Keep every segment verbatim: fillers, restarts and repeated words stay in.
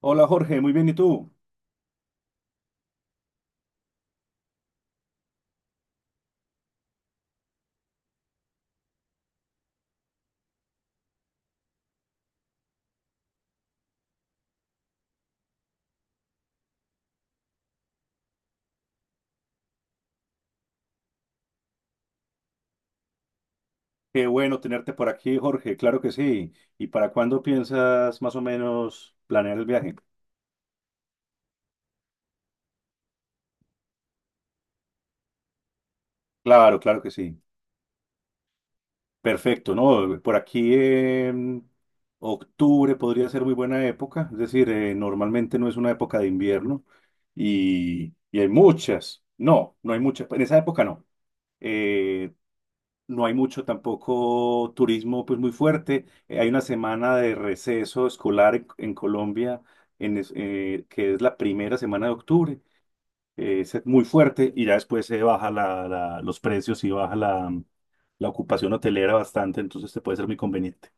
Hola Jorge, muy bien, ¿y tú? Qué bueno tenerte por aquí, Jorge, claro que sí. ¿Y para cuándo piensas más o menos planear el viaje? Claro, claro que sí. Perfecto, ¿no? Por aquí en octubre podría ser muy buena época, es decir, eh, normalmente no es una época de invierno y, y hay muchas, no, no hay muchas, en esa época no. Eh, No hay mucho tampoco turismo pues muy fuerte. Eh, hay una semana de receso escolar en, en Colombia en es- eh, que es la primera semana de octubre. Eh, es muy fuerte y ya después se baja la- la- los precios y baja la, la ocupación hotelera bastante, entonces te puede ser muy conveniente.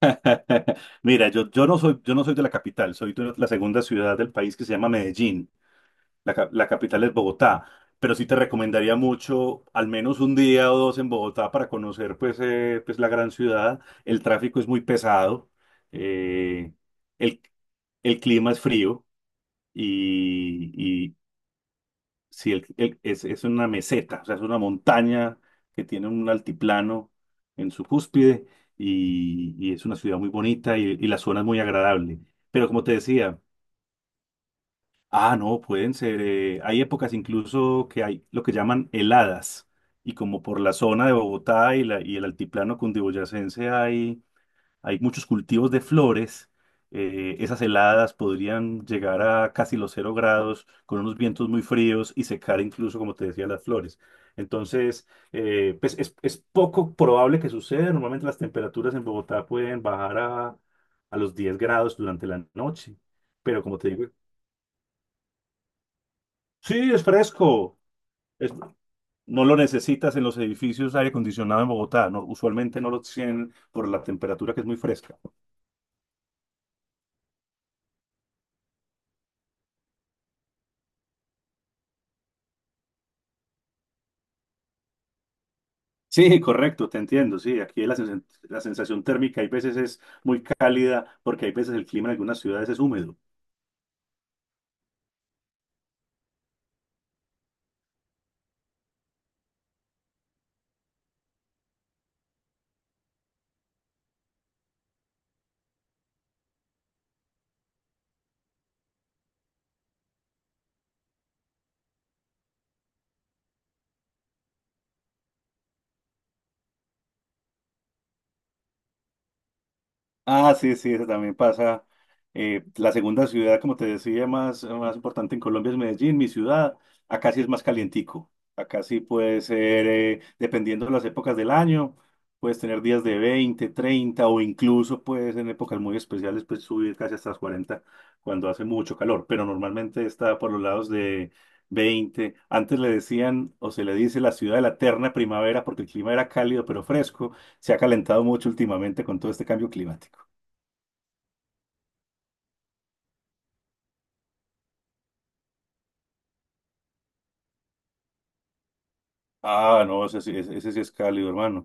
Mira, yo, yo no soy, yo no soy de la capital, soy de la segunda ciudad del país que se llama Medellín. La, ca- la capital es Bogotá, pero sí te recomendaría mucho al menos un día o dos en Bogotá para conocer pues, eh, pues la gran ciudad. El tráfico es muy pesado, eh, el, el clima es frío y, y sí, el- el- es, es una meseta, o sea, es una montaña que tiene un altiplano en su cúspide y, y es una ciudad muy bonita y, y la zona es muy agradable. Pero como te decía, ah, no, pueden ser. Eh, hay épocas incluso que hay lo que llaman heladas. Y como por la zona de Bogotá y, la- y el altiplano cundiboyacense hay, hay muchos cultivos de flores, eh, esas heladas podrían llegar a casi los cero grados con unos vientos muy fríos y secar incluso, como te decía, las flores. Entonces, eh, pues es, es poco probable que suceda. Normalmente las temperaturas en Bogotá pueden bajar a, a los diez grados durante la noche. Pero como te digo, sí, es fresco. Es- no lo necesitas en los edificios de aire acondicionado en Bogotá. No, usualmente no lo tienen por la temperatura que es muy fresca. Sí, correcto, te entiendo. Sí, aquí la, sens- la sensación térmica hay veces es muy cálida porque hay veces el clima en algunas ciudades es húmedo. Ah, sí, sí, eso también pasa. Eh, la segunda ciudad, como te decía, más, más importante en Colombia es Medellín, mi ciudad. Acá sí es más calientico. Acá sí puede ser, eh, dependiendo de las épocas del año, puedes tener días de veinte treinta o incluso puedes en épocas muy especiales pues subir casi hasta las cuarenta cuando hace mucho calor, pero normalmente está por los lados de veinte. Antes le decían o se le dice la ciudad de la eterna primavera porque el clima era cálido pero fresco. Se ha calentado mucho últimamente con todo este cambio climático. Ah, no, ese, sí- ese, ese sí es cálido, hermano.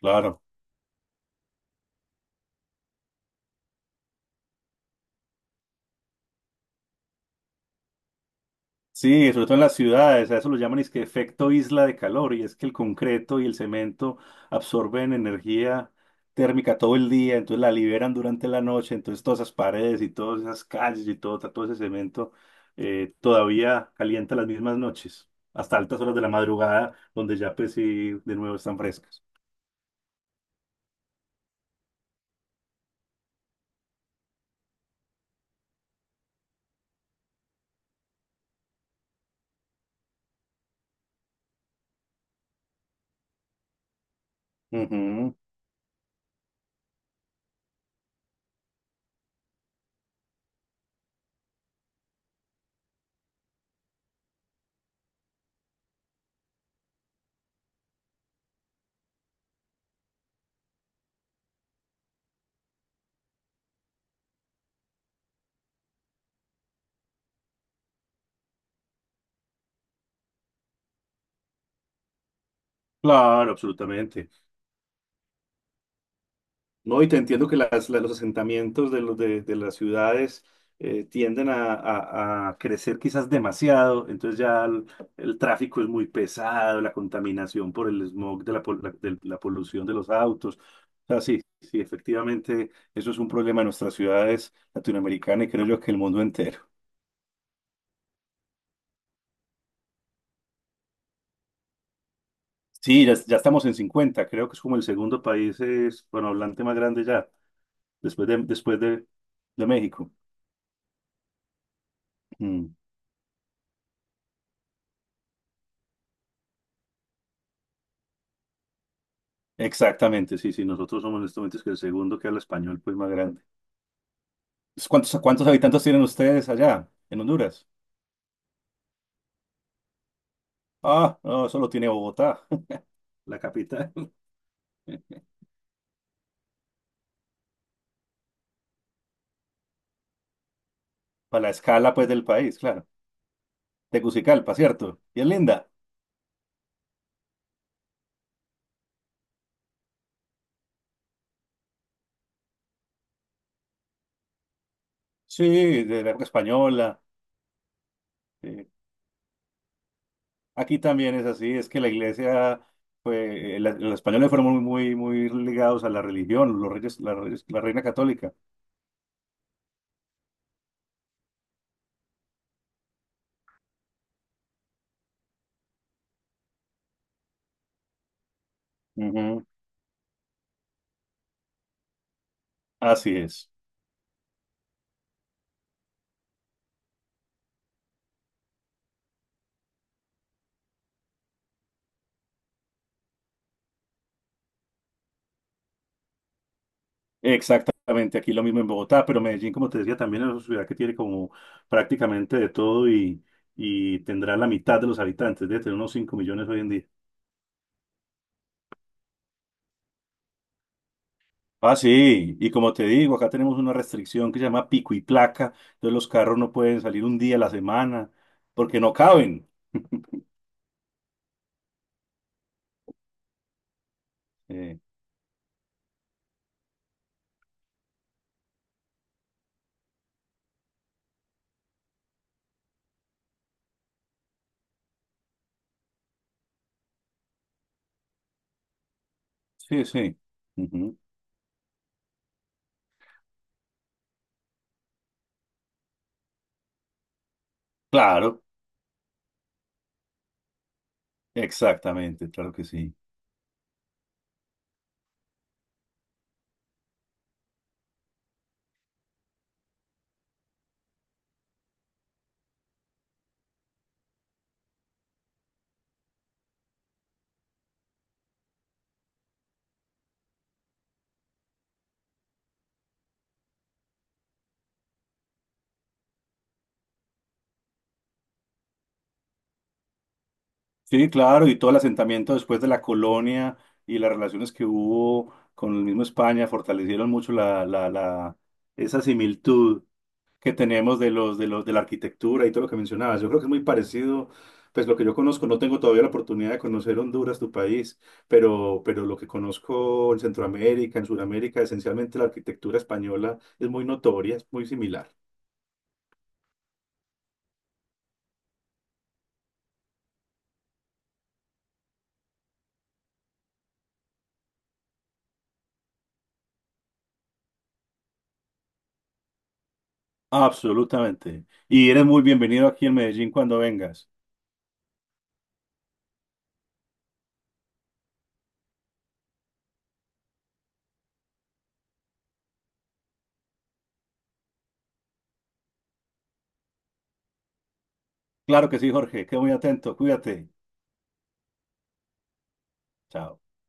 Claro. Sí, sobre todo en las ciudades, a eso lo llaman es que efecto isla de calor, y es que el concreto y el cemento absorben energía térmica todo el día, entonces la liberan durante la noche, entonces todas esas paredes y todas esas calles y todo, todo ese cemento eh, todavía calienta las mismas noches, hasta altas horas de la madrugada, donde ya pues sí, de nuevo están frescas. Ujú. Claro, absolutamente. No, y te entiendo que las- la- los asentamientos de, los, de, de las ciudades eh, tienden a, a- a crecer quizás demasiado, entonces ya el, el tráfico es muy pesado, la contaminación por el smog de la, pol- la- de la polución de los autos. O sea, sí, sí, efectivamente, eso es un problema de nuestras ciudades latinoamericanas y creo yo que el mundo entero. Sí, ya, ya estamos en cincuenta, creo que es como el segundo país es, bueno, hablante más grande ya, después de, después de, de México. Mm. Exactamente, sí, sí, nosotros somos en estos momentos que el segundo que habla español, pues más grande. ¿Cuántos, cuántos habitantes tienen ustedes allá en Honduras? Ah, no, solo tiene Bogotá, la capital, para la escala pues del país, claro. Tegucigalpa, ¿cierto? Y es linda. Sí, de la época española. Sí. Aquí también es así, es que la iglesia, pues, la- los españoles fueron muy, muy, muy ligados a la religión, los reyes, la, reyes- la reina católica. Ujú. Así es. Exactamente, aquí lo mismo en Bogotá, pero Medellín, como te decía, también es una ciudad que tiene como prácticamente de todo y, y tendrá la mitad de los habitantes, debe tener unos cinco millones hoy en día. Ah, sí, y como te digo, acá tenemos una restricción que se llama pico y placa, entonces los carros no pueden salir un día a la semana porque no caben. Eh, sí, sí. Ujú. Claro, exactamente, claro que sí. Sí, claro, y todo el asentamiento después de la colonia y las relaciones que hubo con el mismo España fortalecieron mucho la, la, la, esa similitud que tenemos de los, de los, de la arquitectura y todo lo que mencionabas. Yo creo que es muy parecido, pues lo que yo conozco, no tengo todavía la oportunidad de conocer Honduras, tu país, pero, pero lo que conozco en Centroamérica, en Sudamérica, esencialmente la arquitectura española es muy notoria, es muy similar. Absolutamente. Y eres muy bienvenido aquí en Medellín cuando vengas. Claro que sí, Jorge. Quedo muy atento. Cuídate. Chao.